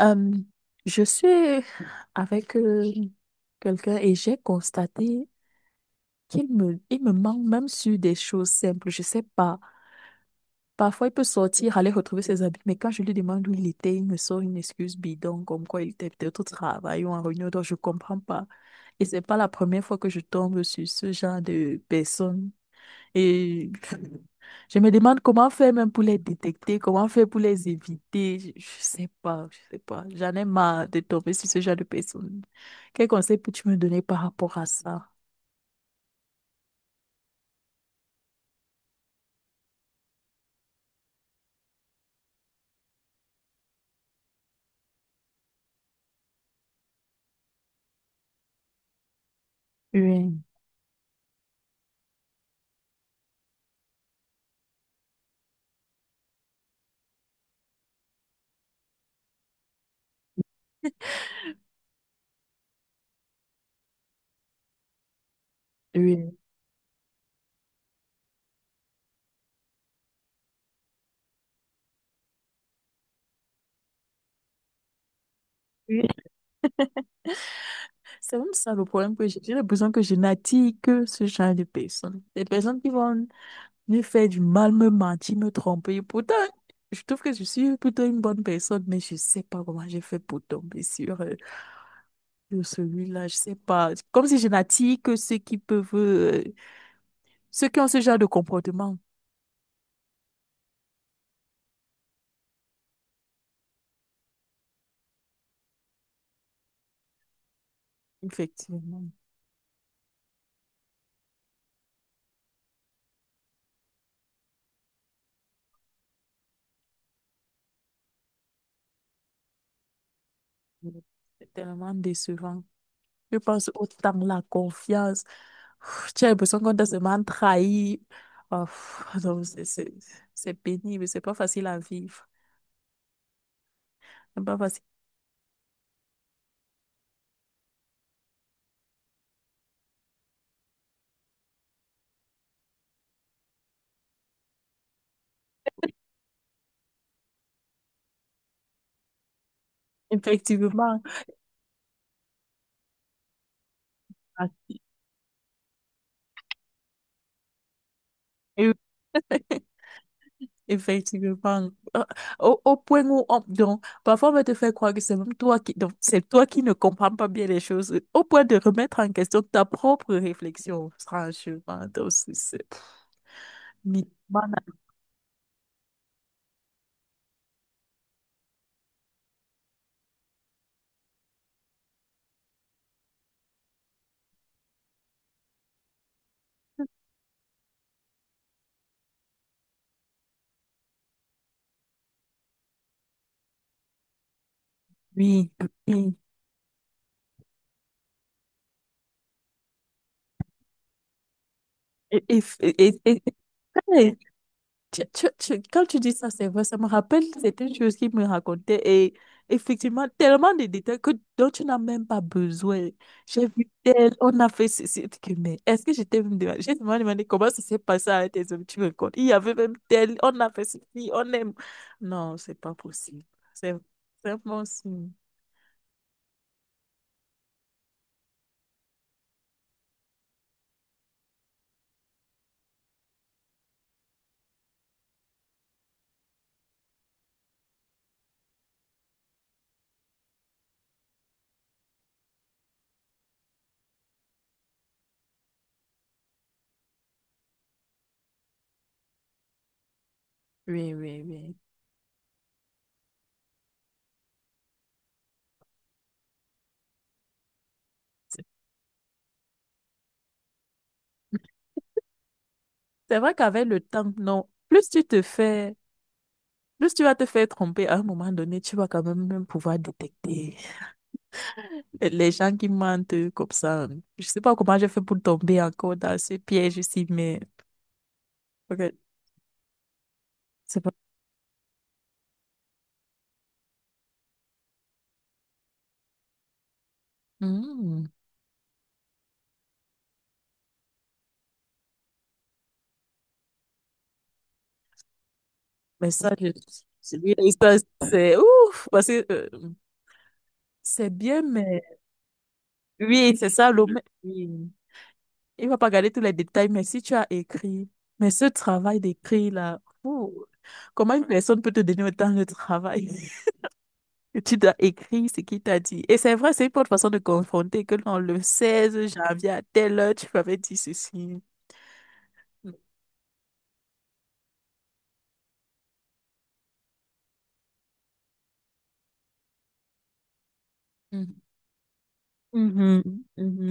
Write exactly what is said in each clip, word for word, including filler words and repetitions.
Euh, je suis avec euh, quelqu'un et j'ai constaté qu'il me, il me manque même sur des choses simples. Je sais pas. Parfois, il peut sortir, aller retrouver ses amis, mais quand je lui demande où il était, il me sort une excuse bidon, comme quoi il était peut-être au travail ou en réunion, donc je comprends pas. Et c'est pas la première fois que je tombe sur ce genre de personne. Et je me demande comment faire même pour les détecter, comment faire pour les éviter. Je, je sais pas, je sais pas. J'en ai marre de tomber sur ce genre de personnes. Quel conseil peux-tu me donner par rapport à ça? Oui, oui, oui. C'est même ça le problème que j'ai. J'ai l'impression que je n'attire que ce genre de personnes. Des personnes qui vont me faire du mal, me mentir, me tromper. Pourtant, je trouve que je suis plutôt une bonne personne, mais je sais pas comment j'ai fait pour tomber sur eux. De celui-là, je sais pas. Comme si je n'attire que ceux qui peuvent, euh, ceux qui ont ce genre de comportement. Effectivement, c'est tellement décevant. Je pense autant la confiance. Pff, tu as l'impression qu'on t'a seulement trahi. Oh, pff, non, c'est c'est- c'est pénible, c'est pas facile à vivre. C'est pas facile. Effectivement. Ah, et oui. Effectivement. Euh, Au, au point où on, donc, parfois on va te faire croire que c'est même toi qui, donc, c'est toi qui ne comprends pas bien les choses, au point de remettre en question ta propre réflexion, franchement. Donc, c'est, c'est- mais, voilà. Oui, oui. Et, et, et, et- et- et quand les Tu- tu- tu- quand tu dis ça, c'est vrai, ça me rappelle certaines choses qu'il me racontait et effectivement, tellement de détails que, dont tu n'as même pas besoin. J'ai vu tel, on a fait ceci, que, mais est-ce que j'étais même demandé, j'ai seulement demandé comment ça s'est passé avec tes hommes, tu me racontes. Il y avait même tel, on a fait ceci, on aime. Non, c'est pas possible. C'est c'est impossible. Oui, oui, oui. C'est vrai qu'avec le temps, non, plus tu te fais, plus tu vas te faire tromper, à un moment donné, tu vas quand même, même pouvoir détecter. Les gens qui mentent comme ça, je sais pas comment j'ai fait pour tomber encore dans ce piège ici, mais ok, c'est pas. Hmm. Mais ça, je... c'est oui ça, c'est ouf, parce que euh, c'est bien, mais oui, c'est ça le. Oui. Il va pas garder tous les détails, mais si tu as écrit, mais ce travail d'écrit là, ouh, comment une personne peut te donner autant de travail? Et tu dois écrire ce qu'il t'a dit. Et c'est vrai, c'est une bonne façon de confronter que dans le seize janvier à telle heure, tu m'avais dit ceci. Mhm. Mhm, mhm.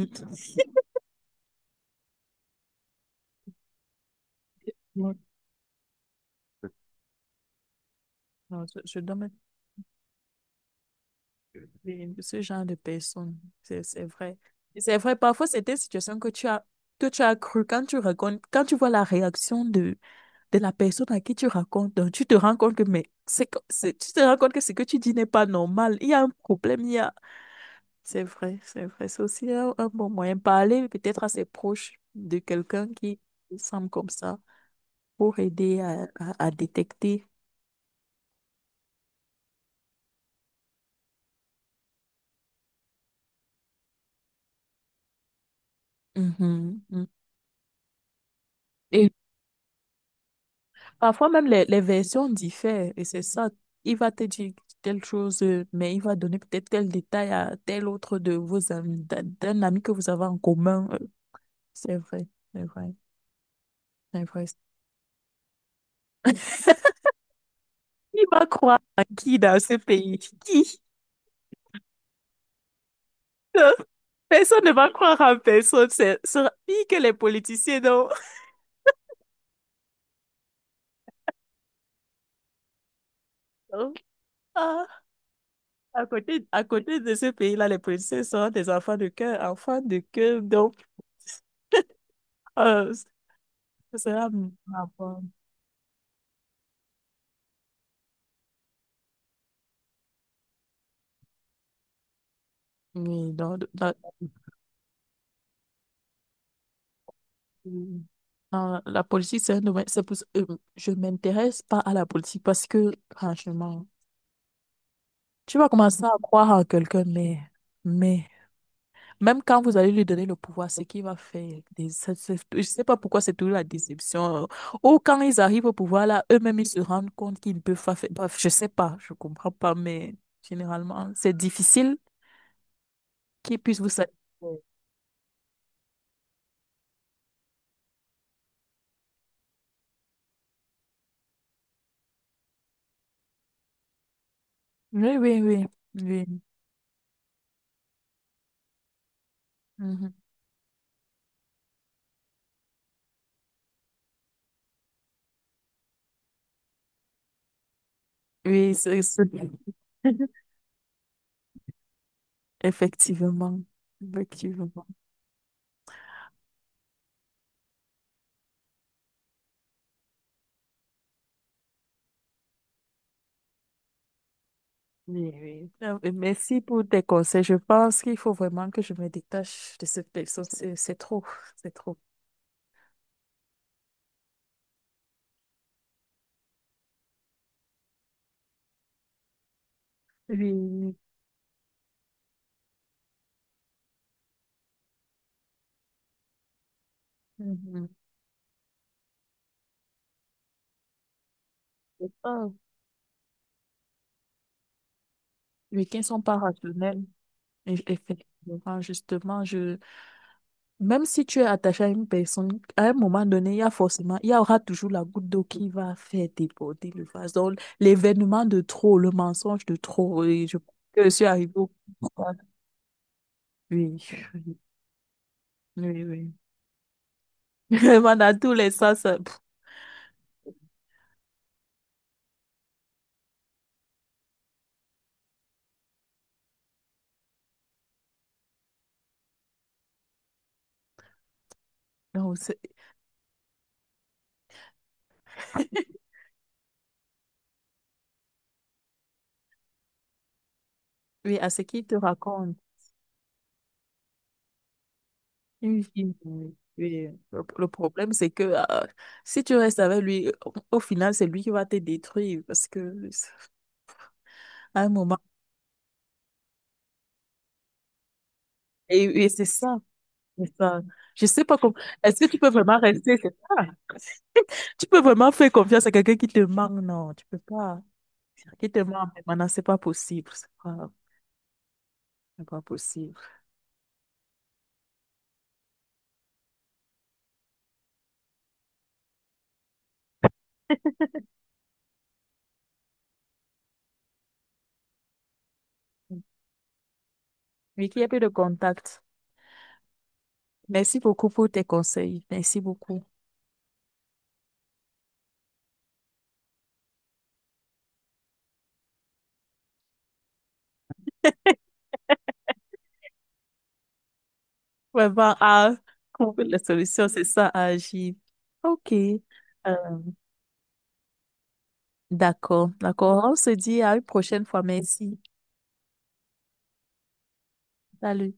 Non, non, je, je dois me priver de ce genre de personnes. C'est c'est vrai. Et c'est vrai, parfois c'est des situations que tu as, que tu as cru quand tu racontes, quand tu vois la réaction de, de la personne à qui tu racontes, donc tu te rends compte que, mais c'est, que- c'est- tu te rends compte que ce que tu dis n'est pas normal. Il y a un problème, il y a... C'est vrai, c'est vrai. C'est aussi un, un bon moyen. Parler peut-être à ses proches de quelqu'un qui semble comme ça. Pour aider à, à- à détecter. Mhm, mhm. Et parfois même les, les versions diffèrent et c'est ça. Il va te dire telle chose, euh, mais il va donner peut-être tel détail à tel autre de vos amis, d'un d'un ami que vous avez en commun. Euh, C'est vrai, c'est vrai, c'est vrai. Qui va croire à qui dans ce pays? Qui? Euh, Personne ne va croire à personne. C'est c'est pire que les politiciens, non? Ah. À côté, à côté de ce pays-là, les policiers sont des enfants de cœur, enfants de cœur. Donc, euh, ce sera m- ma bonne- Oui, dans, dans- dans la politique, c'est un domaine. C'est pour, ça- euh, je ne m'intéresse pas à la politique parce que, franchement, tu vas commencer à croire en quelqu'un, mais, mais même quand vous allez lui donner le pouvoir, ce qu'il va faire, des- ça- ça- je sais pas pourquoi c'est toujours la déception. euh. Ou quand ils arrivent au pouvoir, là, eux-mêmes, ils se rendent compte qu'ils ne peuvent pas faire. Bref, je sais pas, je comprends pas, mais généralement, c'est difficile qu'ils puissent vous satisfaire. Oui, oui, oui, oui. Mhm. Oui, c'est, c'est- effectivement, effectivement. Oui, oui. Euh, Merci pour tes conseils. Je pense qu'il faut vraiment que je me détache de cette personne. C'est c'est trop, c'est trop. Oui. Oui. Mhm. C'est ça. Les week-ends sont pas rationnels. Et- effectivement, justement, je... même si tu es attaché à une personne, à un moment donné, il y a forcément, il y aura toujours la goutte d'eau qui va faire déborder le vase. Donc, l'événement de trop, le mensonge de trop, et je, que je suis arrivée au oui, oui, oui. Vraiment, dans tous les sens. Euh, pff. Non, c'est- oui, à ce qu'il te raconte. Une fille, oui. Oui. Le, le problème, c'est que euh, si tu restes avec lui, au, au final, c'est lui qui va te détruire parce que à un moment, et, et c'est ça, c'est ça. Je sais pas comment. Est-ce que tu peux vraiment rester? C'est ça. Tu peux vraiment faire confiance à quelqu'un qui te manque? Non, tu peux pas. Qui te manque maintenant, c'est pas possible. C'est pas, c'est pas possible. Mais qu'il n'y ait plus de contact. Merci beaucoup pour tes conseils. Merci beaucoup. Vraiment à trouver les solutions, c'est ça, à agir. OK. Euh, d'accord, d'accord. On se dit à une prochaine fois. Merci. Salut.